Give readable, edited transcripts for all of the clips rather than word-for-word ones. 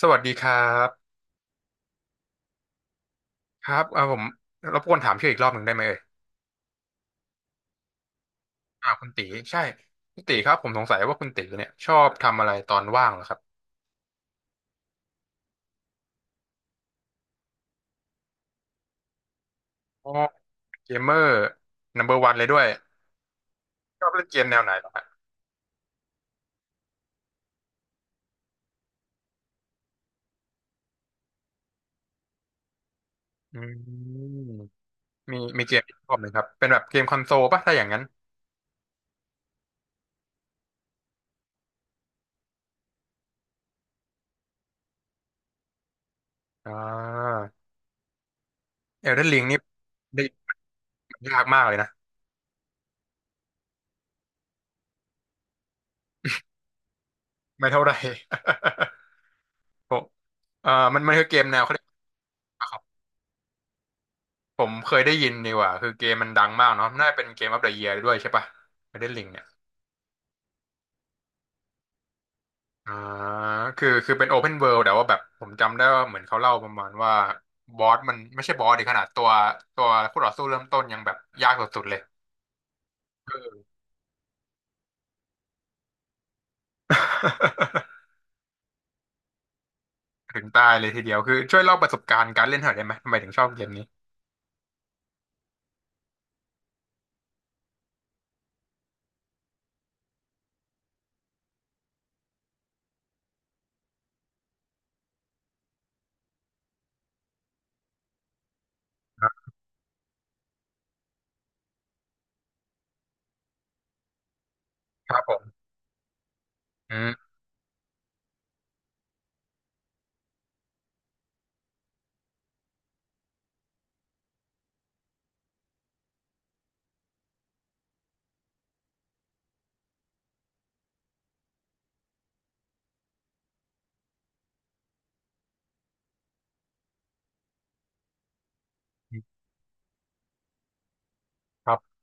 สวัสดีครับครับเอ่าผมรบกวนถามชื่ออีกรอบหนึ่งได้ไหมเอ่ยอ่าคุณตีใช่คุณตีครับผมสงสัยว่าคุณตีเนี่ยชอบทำอะไรตอนว่างเหรอครับอ๋อเกมเมอร์นัมเบอร์วันเลยด้วยชอบเล่นเกมแนวไหนเหรอครับอืมมีเกมที่ชอบไหมครับเป็นแบบเกมคอนโซลป่ะถ้าอย่างนั้นอ่าเอลเดนริงนี่ได้ยากมากเลยนะไม่เท่าไหร่ ผมมันคือเกมแนวเขาเรียก ผมเคยได้ยินดีกว่าคือเกมมันดังมากเนาะน่าเป็นเกมออฟเดอะเยียร์ด้วยใช่ปะไอเดนลิงเนี่ยอ่าคือเป็นโอเพนเวิลด์แต่ว่าแบบผมจำได้ว่าเหมือนเขาเล่าประมาณว่าบอสมันไม่ใช่บอสดิขนาดตัวตัวผู้ต่อสู้เริ่มต้นยังแบบยากสุดๆเลย ถึงตายเลยทีเดียว คือช่วยเล่าประสบการณ์การเล่นหน่อยได้ไหมทำไมถึงชอบเกมนี้ครับครับผมอืมครับ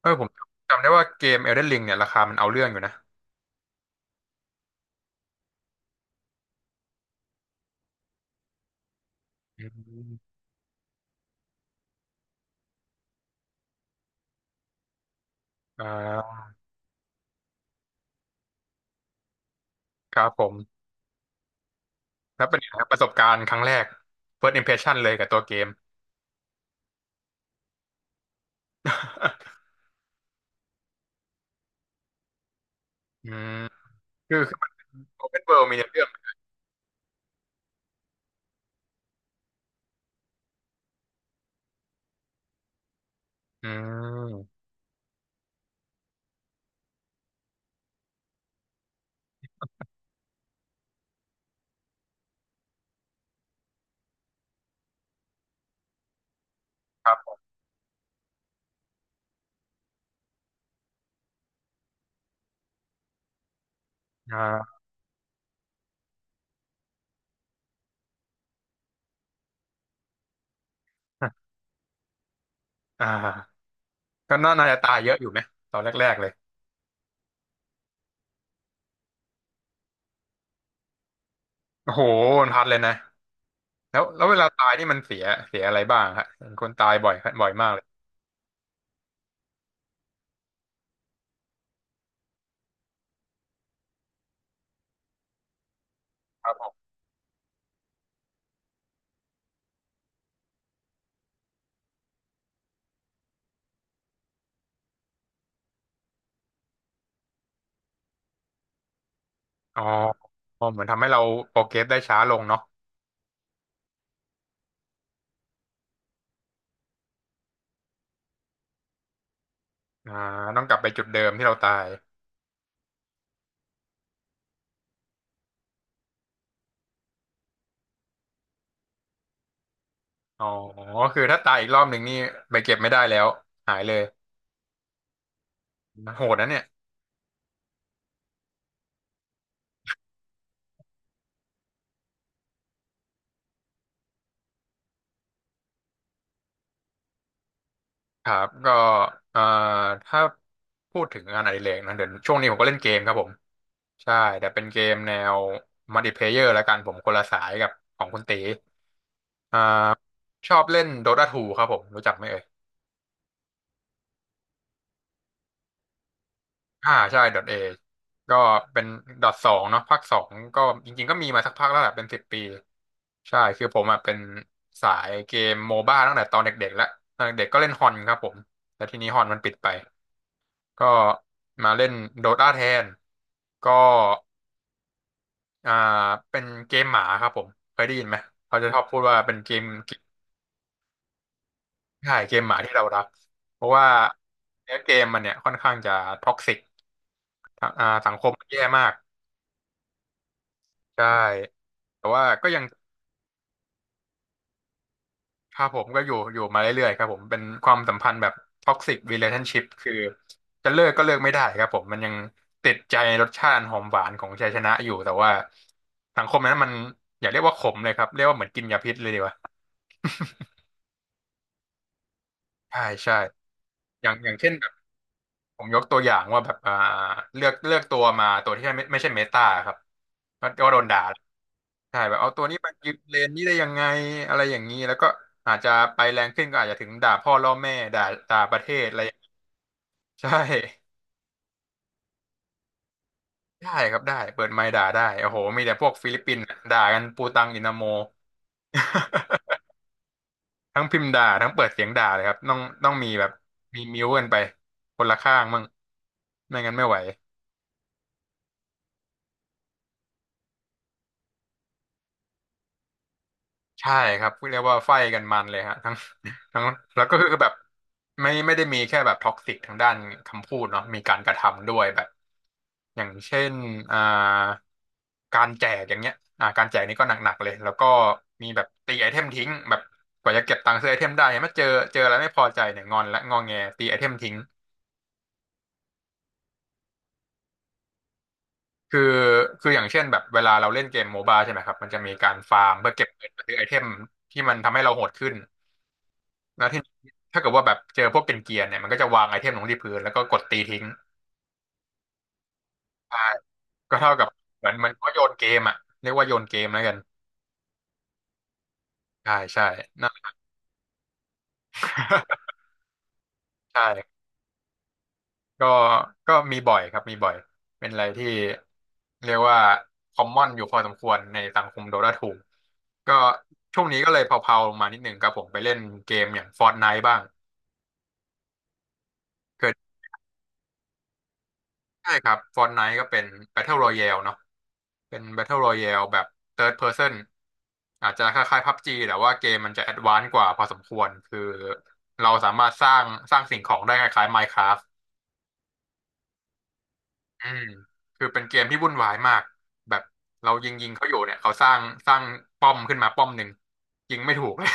เออผมจำได้ว่าเกม Elden Ring เนี่ยราคามันเอาเรื่องอยู่นะอืมอ่าครับผม แล้วเป็นไงครับประสบการณ์ครั้งแรก first impression เลยกับตัวเกม อืมคือมัน open world มีในเรื่องอืมครับ อ่า อ่าก็น่าจะตายเยอะอยู่ไหมตอนแรกๆเลยโอ้โหมันพัดเลยนะแล้วเวลาตายนี่มันเสียอะไรบ้างฮะเห็นคนตายบ่อยบ่อยมากเลยครับผมอ๋ออ๋อเหมือนทำให้เราโปรเกรสได้ช้าลงเนาะอ่า ต้องกลับไปจุดเดิมที่เราตายอ๋อคือถ้าตายอีกรอบหนึ่งนี่ไปเก็บไม่ได้แล้วหายเลยโหดนะเนี่ย ครับก็เอ่อถ้าพูดถึงงานอดิเรกนะเดี๋ยวช่วงนี้ผมก็เล่นเกมครับผมใช่แต่เป็นเกมแนวมัลติเพลเยอร์แล้วกันผมคนละสายกับของคุณตีอ่าชอบเล่น Dota 2ครับผมรู้จักไหมเอ่ยอ่าใช่ Dot A ก็เป็น Dot สองเนาะภาคสองก็จริงๆก็มีมาสักพักแล้วแหละเป็นสิบปีใช่คือผมอ่ะเป็นสายเกมโมบ้าตั้งแต่ตอนเด็กๆแล้วตอนเด็กๆก็เล่นฮอนครับผมแต่ทีนี้ฮอนมันปิดไป ก็มาเล่นโดตาแทนก็อ่าเป็นเกมหมาครับผมเคยได้ยินไหมเขาจะชอบพูดว่าเป็นเกมใช่เกมหมาที่เรารักเพราะว่าเนื้อเกมมันเนี่ยค่อนข้างจะท็อกซิกอ่าสังคมมันแย่มากใช่แต่ว่าก็ยัง ครับผมก็อยู่มาเรื่อยๆครับผมเป็นความสัมพันธ์แบบท็อกซิกรีเลชั่นชิพคือจะเลิกก็เลิกไม่ได้ครับผมมันยังติดใจรสชาติหอมหวานของชัยชนะอยู่แต่ว่าสังคมนั้นมันอย่าเรียกว่าขมเลยครับเรียกว่าเหมือนกินยาพิษเลยดีกว่าใช่ใช่อย่างอย่างเช่นแบบผมยกตัวอย่างว่าแบบอ่าเลือกตัวมาตัวที่ไม่ใช่เมตาครับก็ก็โดนด่าใช่แบบเอาตัวนี้มายืนเลนนี้ได้ยังไงอะไรอย่างนี้แล้วก็อาจจะไปแรงขึ้นก็อาจจะถึงด่าพ่อล่อแม่ด่าด่าประเทศอะไร ใช่ ได้ครับได้เปิดไมค์ด่าได้โอ้โหมีแต่พวกฟิลิปปินส์อะด่ากันปูตังอินาโม ทั้งพิมพ์ด่าทั้งเปิดเสียงด่าเลยครับต้องมีแบบมีมิวกันไปคนละข้างมั่งไม่งั้นไม่ไหว ใช่ครับเรียกว่าไฟกันมันเลยฮะทั้ง ทั้งแล้วก็คือแบบไม่ได้มีแค่แบบท็อกซิกทางด้านคำพูดเนาะมีการกระทำด้วยแบบอย่างเช่นอ่าการแจกอย่างเงี้ยอ่าการแจกนี่ก็หนักๆเลยแล้วก็มีแบบตีไอเทมทิ้งแบบกว่าจะเก็บตังค์ซื้อไอเทมได้เนี่ยมาเจออะไรไม่พอใจเนี่ยงอนและงอแงตีไอเทมทิ้งคือคืออย่างเช่นแบบเวลาเราเล่นเกมโมบ้าใช่ไหมครับมันจะมีการฟาร์มเพื่อเก็บเงินมาซื้อไอเทมที่มันทำให้เราโหดขึ้น แล้วทีนี้ถ้าเกิดว่าแบบเจอพวกเป็นเกียร์เนี่ยมันก็จะวางไอเทมลงที่พื้นแล้วก็กดตีทิ้งใช่ก็เท่ากับเหมือนมันก็โยนเกมอ่ะเรียกว่าโยนเกมแล้วกัน ใช่ใช่นั่น ใช่ก็ก็มีบ่อยครับมีบ่อย เป็นอะไรที่เรียกว่าคอมมอนอยู่พอสมควรในสังคมโดดาทูก็ช่วงนี้ก็เลยเผาๆลงมานิดหนึ่งครับผมไปเล่นเกมอย่าง Fortnite บ้างเคยใช่ครับ Fortnite ก็เป็น Battle Royale เนาะ เป็น Battle Royale แบบ Third Person อาจจะคล้ายๆ PUBG แต่ว่าเกมมันจะแอดวานซ์กว่าพอสมควรคือเราสามารถสร้างสร้างสิ่งของได้คล้ายๆ Minecraft อืมคือเป็นเกมที่วุ่นวายมากแบบเรายิงเขาอยู่เนี่ยเขาสร้างสร้างป้อมขึ้นมาป้อมหนึ่งยิงไม่ถูกเลย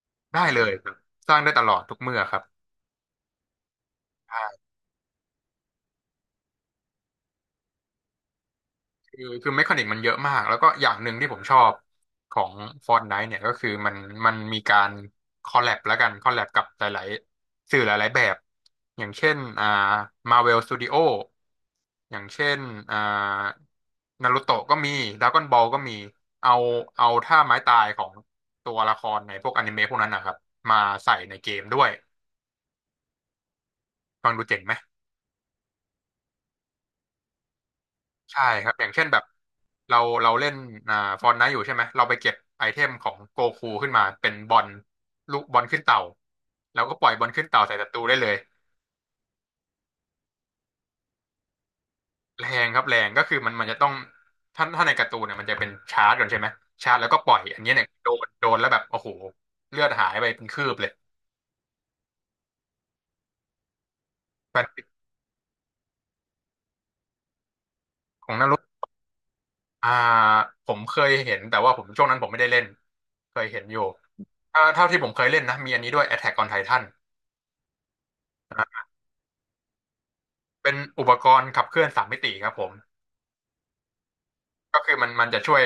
ได้เลยครับสร้างได้ตลอดทุกเมื่อครับ คือเมคานิกมันเยอะมากแล้วก็อย่างหนึ่งที่ผมชอบของ Fortnite เนี่ยก็คือมันมีการคอลแลบแล้วกันคอลแลบกับหลายๆสื่อหลายๆแบบอย่างเช่นMarvel Studio อย่างเช่นอ่านารูโตะก็มีด r a ก้อนบอลก็มีเอาเอาท่าไม้ตายของตัวละครในพวกอนิเมะพวกนั้นนะครับมาใส่ในเกมด้วยฟังดูเจ๋งไหม ใช่ครับอย่างเช่นแบบเราเล่นอ่าฟอนไนท์อยู่ใช่ไหมเราไปเก็บไอเทมของโกคูขึ้นมาเป็นบอลลูกบอลขึ้นเต่าแล้วก็ปล่อยบอลขึ้นเต่าใส่ศัตรูได้เลยแรงครับแรงก็คือมันมันจะต้องถ้าในการ์ตูนเนี่ยมันจะเป็นชาร์จก่อนใช่ไหมชาร์จแล้วก็ปล่อยอันนี้เนี่ยโดนแล้วแบบโอ้โหเลือดหายไปเป็นคืบเลยแฟนฟิกของนารุอ่าผมเคยเห็นแต่ว่าผมช่วงนั้นผมไม่ได้เล่นเคยเห็นอยู่ถ้าเท่าที่ผมเคยเล่นนะมีอันนี้ด้วย Attack on Titan เป็นอุปกรณ์ขับเคลื่อนสามมิติครับผมก็คือมันจะช่วย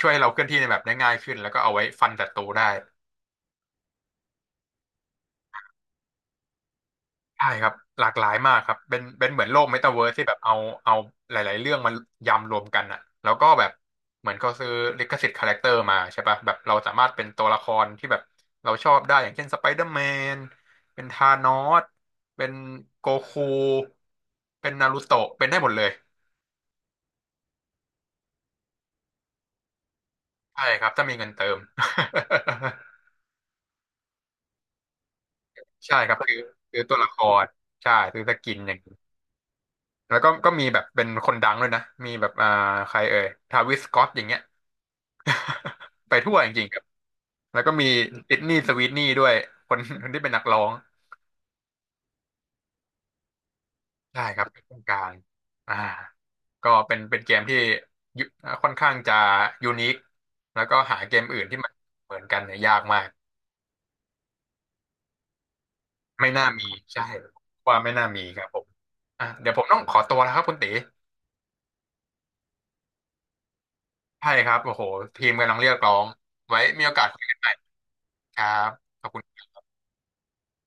ช่วยให้เราเคลื่อนที่ในแบบได้ง่ายขึ้นแล้วก็เอาไว้ฟันศัตรูได้ใช่ครับหลากหลายมากครับเป็นเหมือนโลกเมตาเวิร์สที่แบบเอาหลายๆเรื่องมายำรวมกันอะแล้วก็แบบเหมือนเขาซื้อลิขสิทธิ์คาแรคเตอร์มาใช่ปะแบบเราสามารถเป็นตัวละครที่แบบเราชอบได้อย่างเช่นสไปเดอร์แมนเป็นธานอสเป็นโกคูเป็นนารูโตะเป็นได้หมดเลยใช่ครับถ้ามีเงินเติม ใช่ครับซื้อตัวละครใช่ซื้อสกินอย่างนี้แล้วก็ก็มีแบบเป็นคนดังด้วยนะมีแบบใครเอ่ยทาวิสสก็อตอย่างเงี้ย ไปทั่วจริงๆครับแล้วก็มีดิสนีย์สวีทนี่ด้วยคนคนที่เป็นนักร้องใช่ครับเป็นคนกลางอ่าก็เป็นเกมที่ยุค่อนข้างจะยูนิคแล้วก็หาเกมอื่นที่มันเหมือนกันเนี่ยยากมากไม่น่ามีใช่ว่าไม่น่ามีครับผมอ่ะเดี๋ยวผมต้องขอตัวแล้วครับคุณตี ใช่ครับ โอ้โหทีมกำลังเรียกร้องไว้มีโอกาสคุยกันใหม่ครับขอบคุณ